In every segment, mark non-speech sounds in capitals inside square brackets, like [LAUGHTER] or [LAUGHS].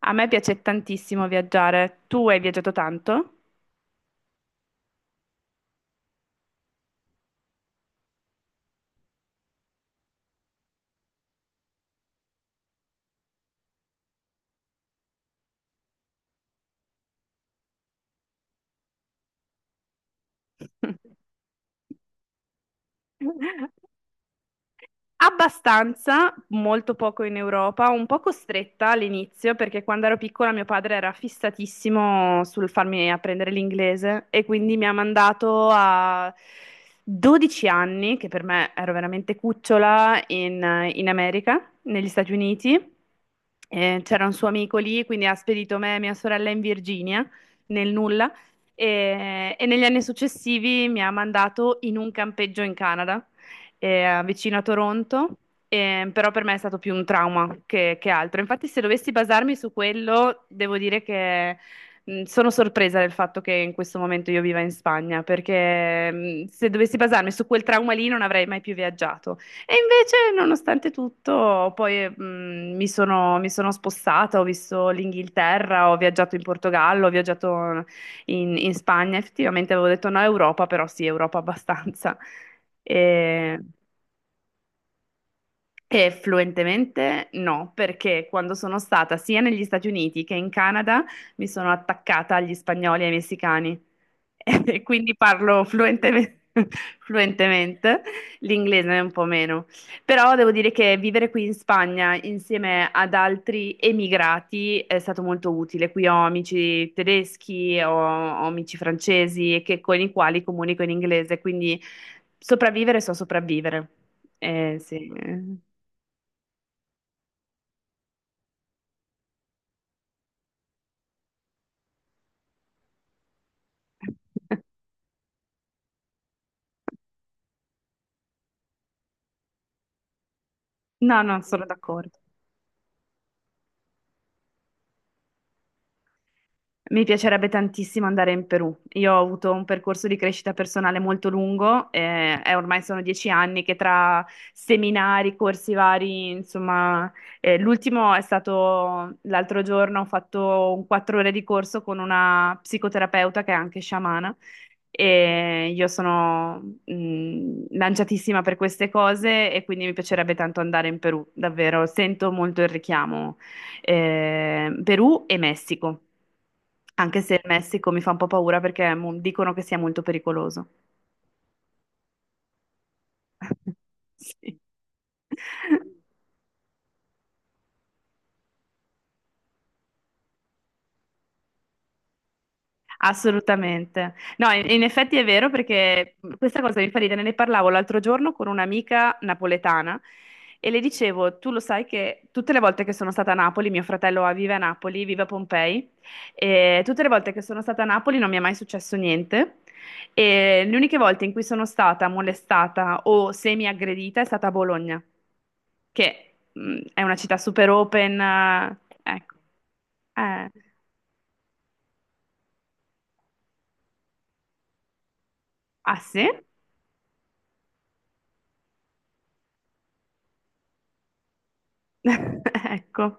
A me piace tantissimo viaggiare. Tu hai viaggiato tanto? [LAUGHS] Abbastanza, molto poco in Europa, un po' costretta all'inizio perché quando ero piccola mio padre era fissatissimo sul farmi apprendere l'inglese e quindi mi ha mandato a 12 anni, che per me ero veramente cucciola, in America, negli Stati Uniti. C'era un suo amico lì, quindi ha spedito me e mia sorella in Virginia, nel nulla, e negli anni successivi mi ha mandato in un campeggio in Canada, vicino a Toronto. Però per me è stato più un trauma che altro. Infatti, se dovessi basarmi su quello, devo dire che sono sorpresa del fatto che in questo momento io viva in Spagna, perché se dovessi basarmi su quel trauma lì non avrei mai più viaggiato. E invece, nonostante tutto, poi mi sono spostata, ho visto l'Inghilterra, ho viaggiato in Portogallo, ho viaggiato in Spagna. Effettivamente avevo detto no, Europa, però sì, Europa abbastanza. E- e fluentemente no, perché quando sono stata sia negli Stati Uniti che in Canada mi sono attaccata agli spagnoli e ai messicani [LAUGHS] e quindi parlo fluentemente, [LAUGHS] fluentemente, l'inglese è un po' meno. Però devo dire che vivere qui in Spagna insieme ad altri emigrati è stato molto utile. Qui ho amici tedeschi, ho amici francesi che- con i quali comunico in inglese, quindi sopravvivere so sopravvivere. Sì. No, non sono d'accordo. Mi piacerebbe tantissimo andare in Perù. Io ho avuto un percorso di crescita personale molto lungo, e ormai sono 10 anni che tra seminari, corsi vari, insomma, l'ultimo è stato l'altro giorno, ho fatto un 4 ore di corso con una psicoterapeuta che è anche sciamana. E io sono lanciatissima per queste cose e quindi mi piacerebbe tanto andare in Perù, davvero. Sento molto il richiamo Perù e Messico, anche se il Messico mi fa un po' paura perché dicono che sia molto pericoloso. [LAUGHS] Sì. Assolutamente. No, in effetti è vero perché questa cosa mi fa ridere, ne parlavo l'altro giorno con un'amica napoletana e le dicevo, tu lo sai che tutte le volte che sono stata a Napoli, mio fratello vive a Napoli, vive a Pompei, e tutte le volte che sono stata a Napoli non mi è mai successo niente, e le uniche volte in cui sono stata molestata o semi-aggredita è stata a Bologna, che è una città super open, ecco. Eh, ah sì? [LAUGHS] Ecco.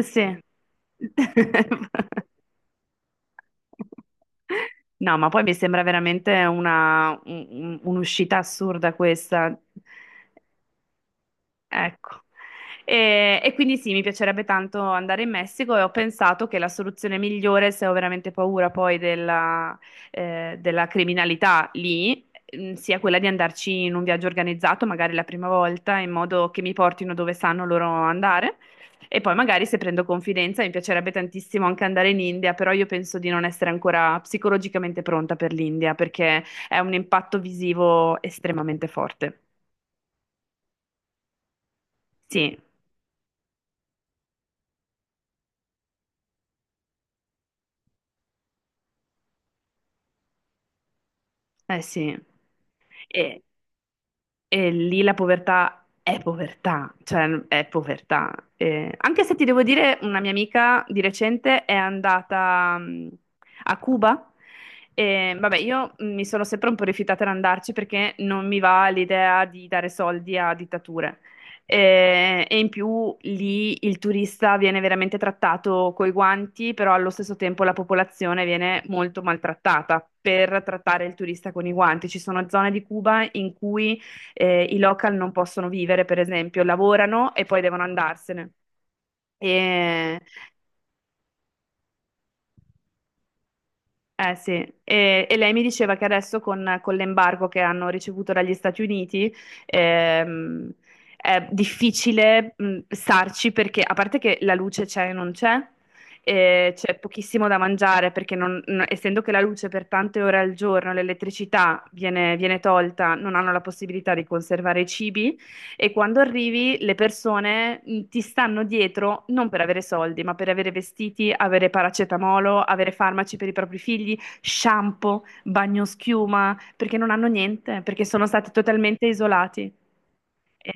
Sì. [LAUGHS] No, ma poi mi sembra veramente un'uscita assurda questa. Ecco. E quindi sì, mi piacerebbe tanto andare in Messico e ho pensato che la soluzione migliore, se ho veramente paura poi della, della criminalità lì, sia quella di andarci in un viaggio organizzato, magari la prima volta, in modo che mi portino dove sanno loro andare. E poi magari se prendo confidenza, mi piacerebbe tantissimo anche andare in India, però io penso di non essere ancora psicologicamente pronta per l'India, perché è un impatto visivo estremamente forte. Sì, eh sì. E- E lì la povertà è povertà, cioè è povertà. Anche se ti devo dire, una mia amica di recente è andata a Cuba. E, vabbè, io mi sono sempre un po' rifiutata ad andarci perché non mi va l'idea di dare soldi a dittature. E, in più lì il turista viene veramente trattato coi guanti, però allo stesso tempo la popolazione viene molto maltrattata per trattare il turista con i guanti. Ci sono zone di Cuba in cui i local non possono vivere, per esempio, lavorano e poi devono andarsene. E, sì. E lei mi diceva che adesso con l'embargo che hanno ricevuto dagli Stati Uniti ehm, è difficile starci perché, a parte che la luce c'è e non c'è, e c'è pochissimo da mangiare perché essendo che la luce per tante ore al giorno, l'elettricità viene tolta, non hanno la possibilità di conservare i cibi. E quando arrivi, le persone ti stanno dietro non per avere soldi, ma per avere vestiti, avere paracetamolo, avere farmaci per i propri figli, shampoo, bagnoschiuma, perché non hanno niente, perché sono stati totalmente isolati. E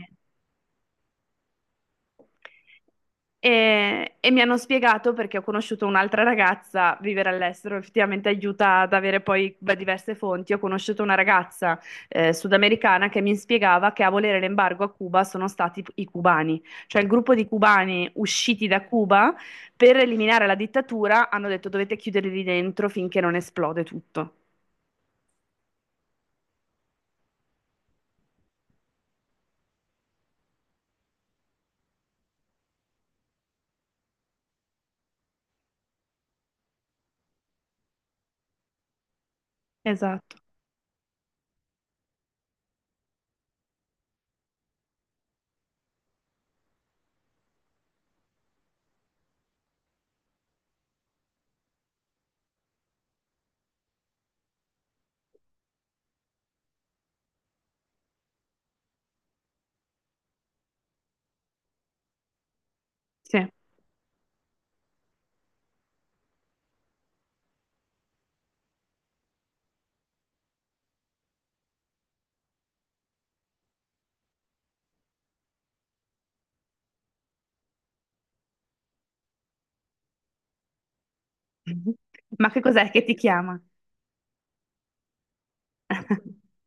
e mi hanno spiegato, perché ho conosciuto un'altra ragazza, vivere all'estero effettivamente aiuta ad avere poi beh, diverse fonti. Ho conosciuto una ragazza sudamericana che mi spiegava che a volere l'embargo a Cuba sono stati i cubani, cioè il gruppo di cubani usciti da Cuba per eliminare la dittatura hanno detto dovete chiuderli dentro finché non esplode tutto. Esatto, sì. [LAUGHS] Ma che cos'è che ti chiama? [LAUGHS]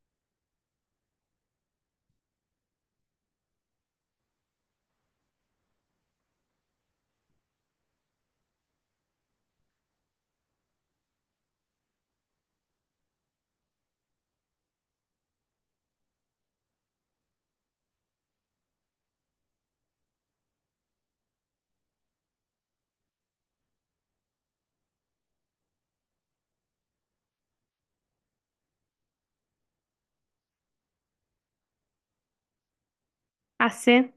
Ah sì?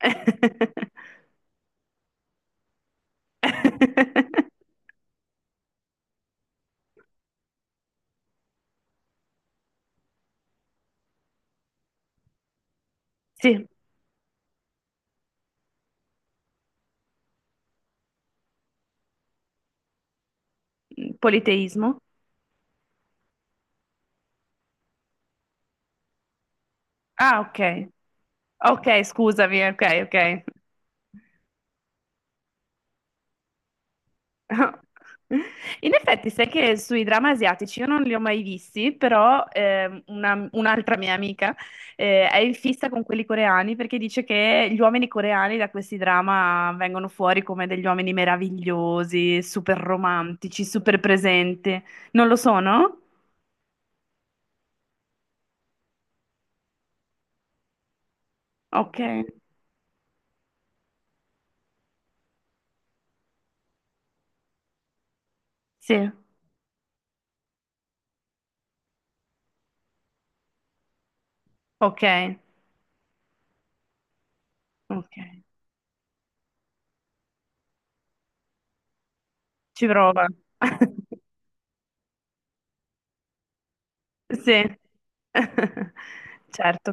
[LAUGHS] [LAUGHS] Sì, politeismo. Ah, ok. Ok, scusami, ok, ok. [LAUGHS] In effetti, sai che sui dramma asiatici io non li ho mai visti, però un'altra mia amica è in fissa con quelli coreani perché dice che gli uomini coreani da questi drama vengono fuori come degli uomini meravigliosi, super romantici, super presenti. Non lo sono? Ok, sì, ok, ok. Ci prova. [LAUGHS] Sì, [LAUGHS] certo.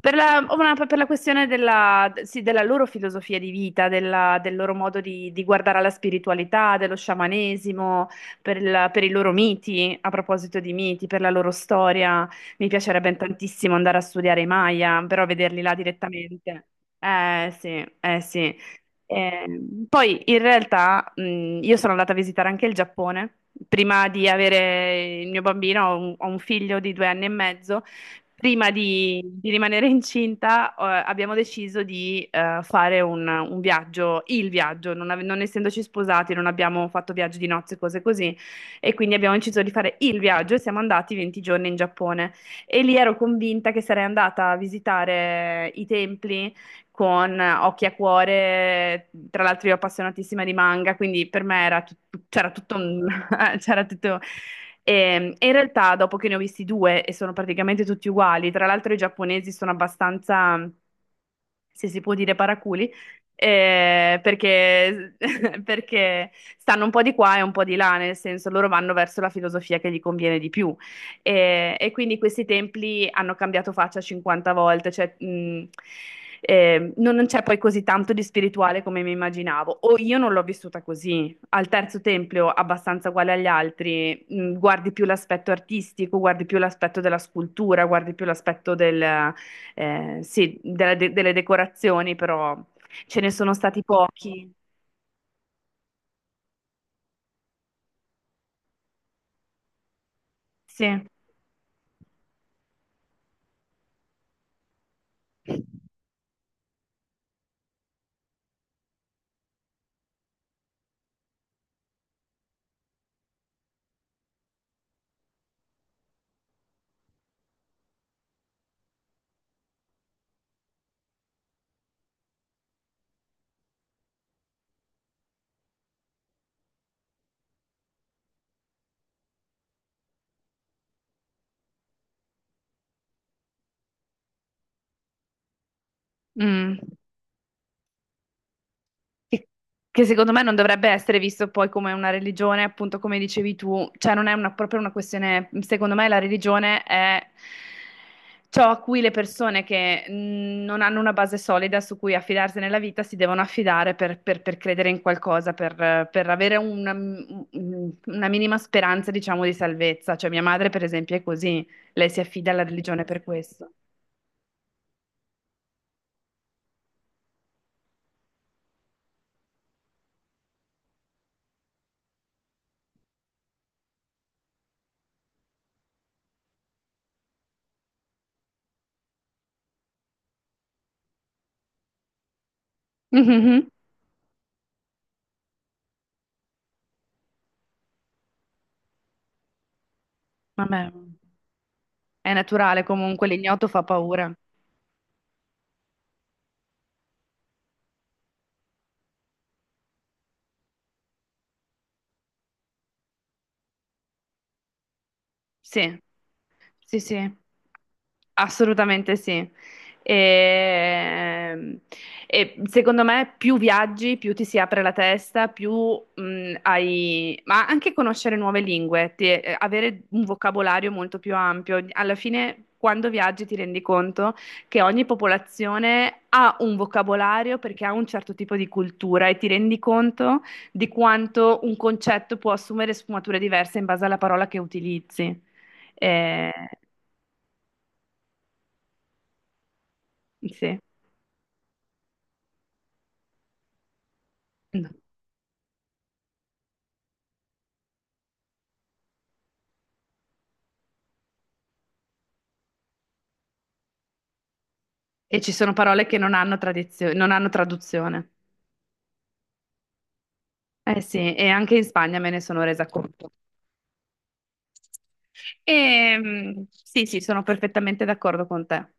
Per la questione della, sì, della loro filosofia di vita, del loro modo di guardare alla spiritualità, dello sciamanesimo, per i loro miti, a proposito di miti, per la loro storia. Mi piacerebbe tantissimo andare a studiare i Maya, però vederli là direttamente. Eh sì, eh sì. Poi in realtà io sono andata a visitare anche il Giappone. Prima di avere il mio bambino, ho un figlio di 2 anni e mezzo, prima di rimanere incinta, abbiamo deciso di fare un viaggio, il viaggio, non essendoci sposati, non abbiamo fatto viaggi di nozze, cose così, e quindi abbiamo deciso di fare il viaggio e siamo andati 20 giorni in Giappone. E lì ero convinta che sarei andata a visitare i templi con occhi a cuore, tra l'altro io appassionatissima di manga, quindi per me c'era tutto un [LAUGHS] c'era tutto. E e in realtà, dopo che ne ho visti due e sono praticamente tutti uguali, tra l'altro i giapponesi sono abbastanza, se si può dire, paraculi, perché, [LAUGHS] perché stanno un po' di qua e un po' di là, nel senso loro vanno verso la filosofia che gli conviene di più. E quindi questi templi hanno cambiato faccia 50 volte, cioè, non c'è poi così tanto di spirituale come mi immaginavo, o io non l'ho vissuta così. Al terzo tempio, abbastanza uguale agli altri, guardi più l'aspetto artistico, guardi più l'aspetto della scultura, guardi più l'aspetto del, sì, della delle decorazioni, però ce ne sono stati pochi. Sì. Mm. che che secondo me non dovrebbe essere visto poi come una religione, appunto come dicevi tu, cioè non è una- proprio una questione, secondo me la religione è ciò a cui le persone che non hanno una base solida su cui affidarsi nella vita si devono affidare per, per credere in qualcosa, per avere una minima speranza, diciamo, di salvezza. Cioè mia madre, per esempio, è così, lei si affida alla religione per questo. Mhm. Vabbè, è naturale comunque, l'ignoto fa paura. Sì. Sì, sì. Assolutamente sì. E e secondo me più viaggi, più ti si apre la testa, più hai. Ma anche conoscere nuove lingue, avere un vocabolario molto più ampio. Alla fine, quando viaggi, ti rendi conto che ogni popolazione ha un vocabolario perché ha un certo tipo di cultura, e ti rendi conto di quanto un concetto può assumere sfumature diverse in base alla parola che utilizzi. Eh, Sì. No. E ci sono parole che non hanno non hanno traduzione. Eh sì, e anche in Spagna me ne sono resa conto. Sì, sì, sono perfettamente d'accordo con te.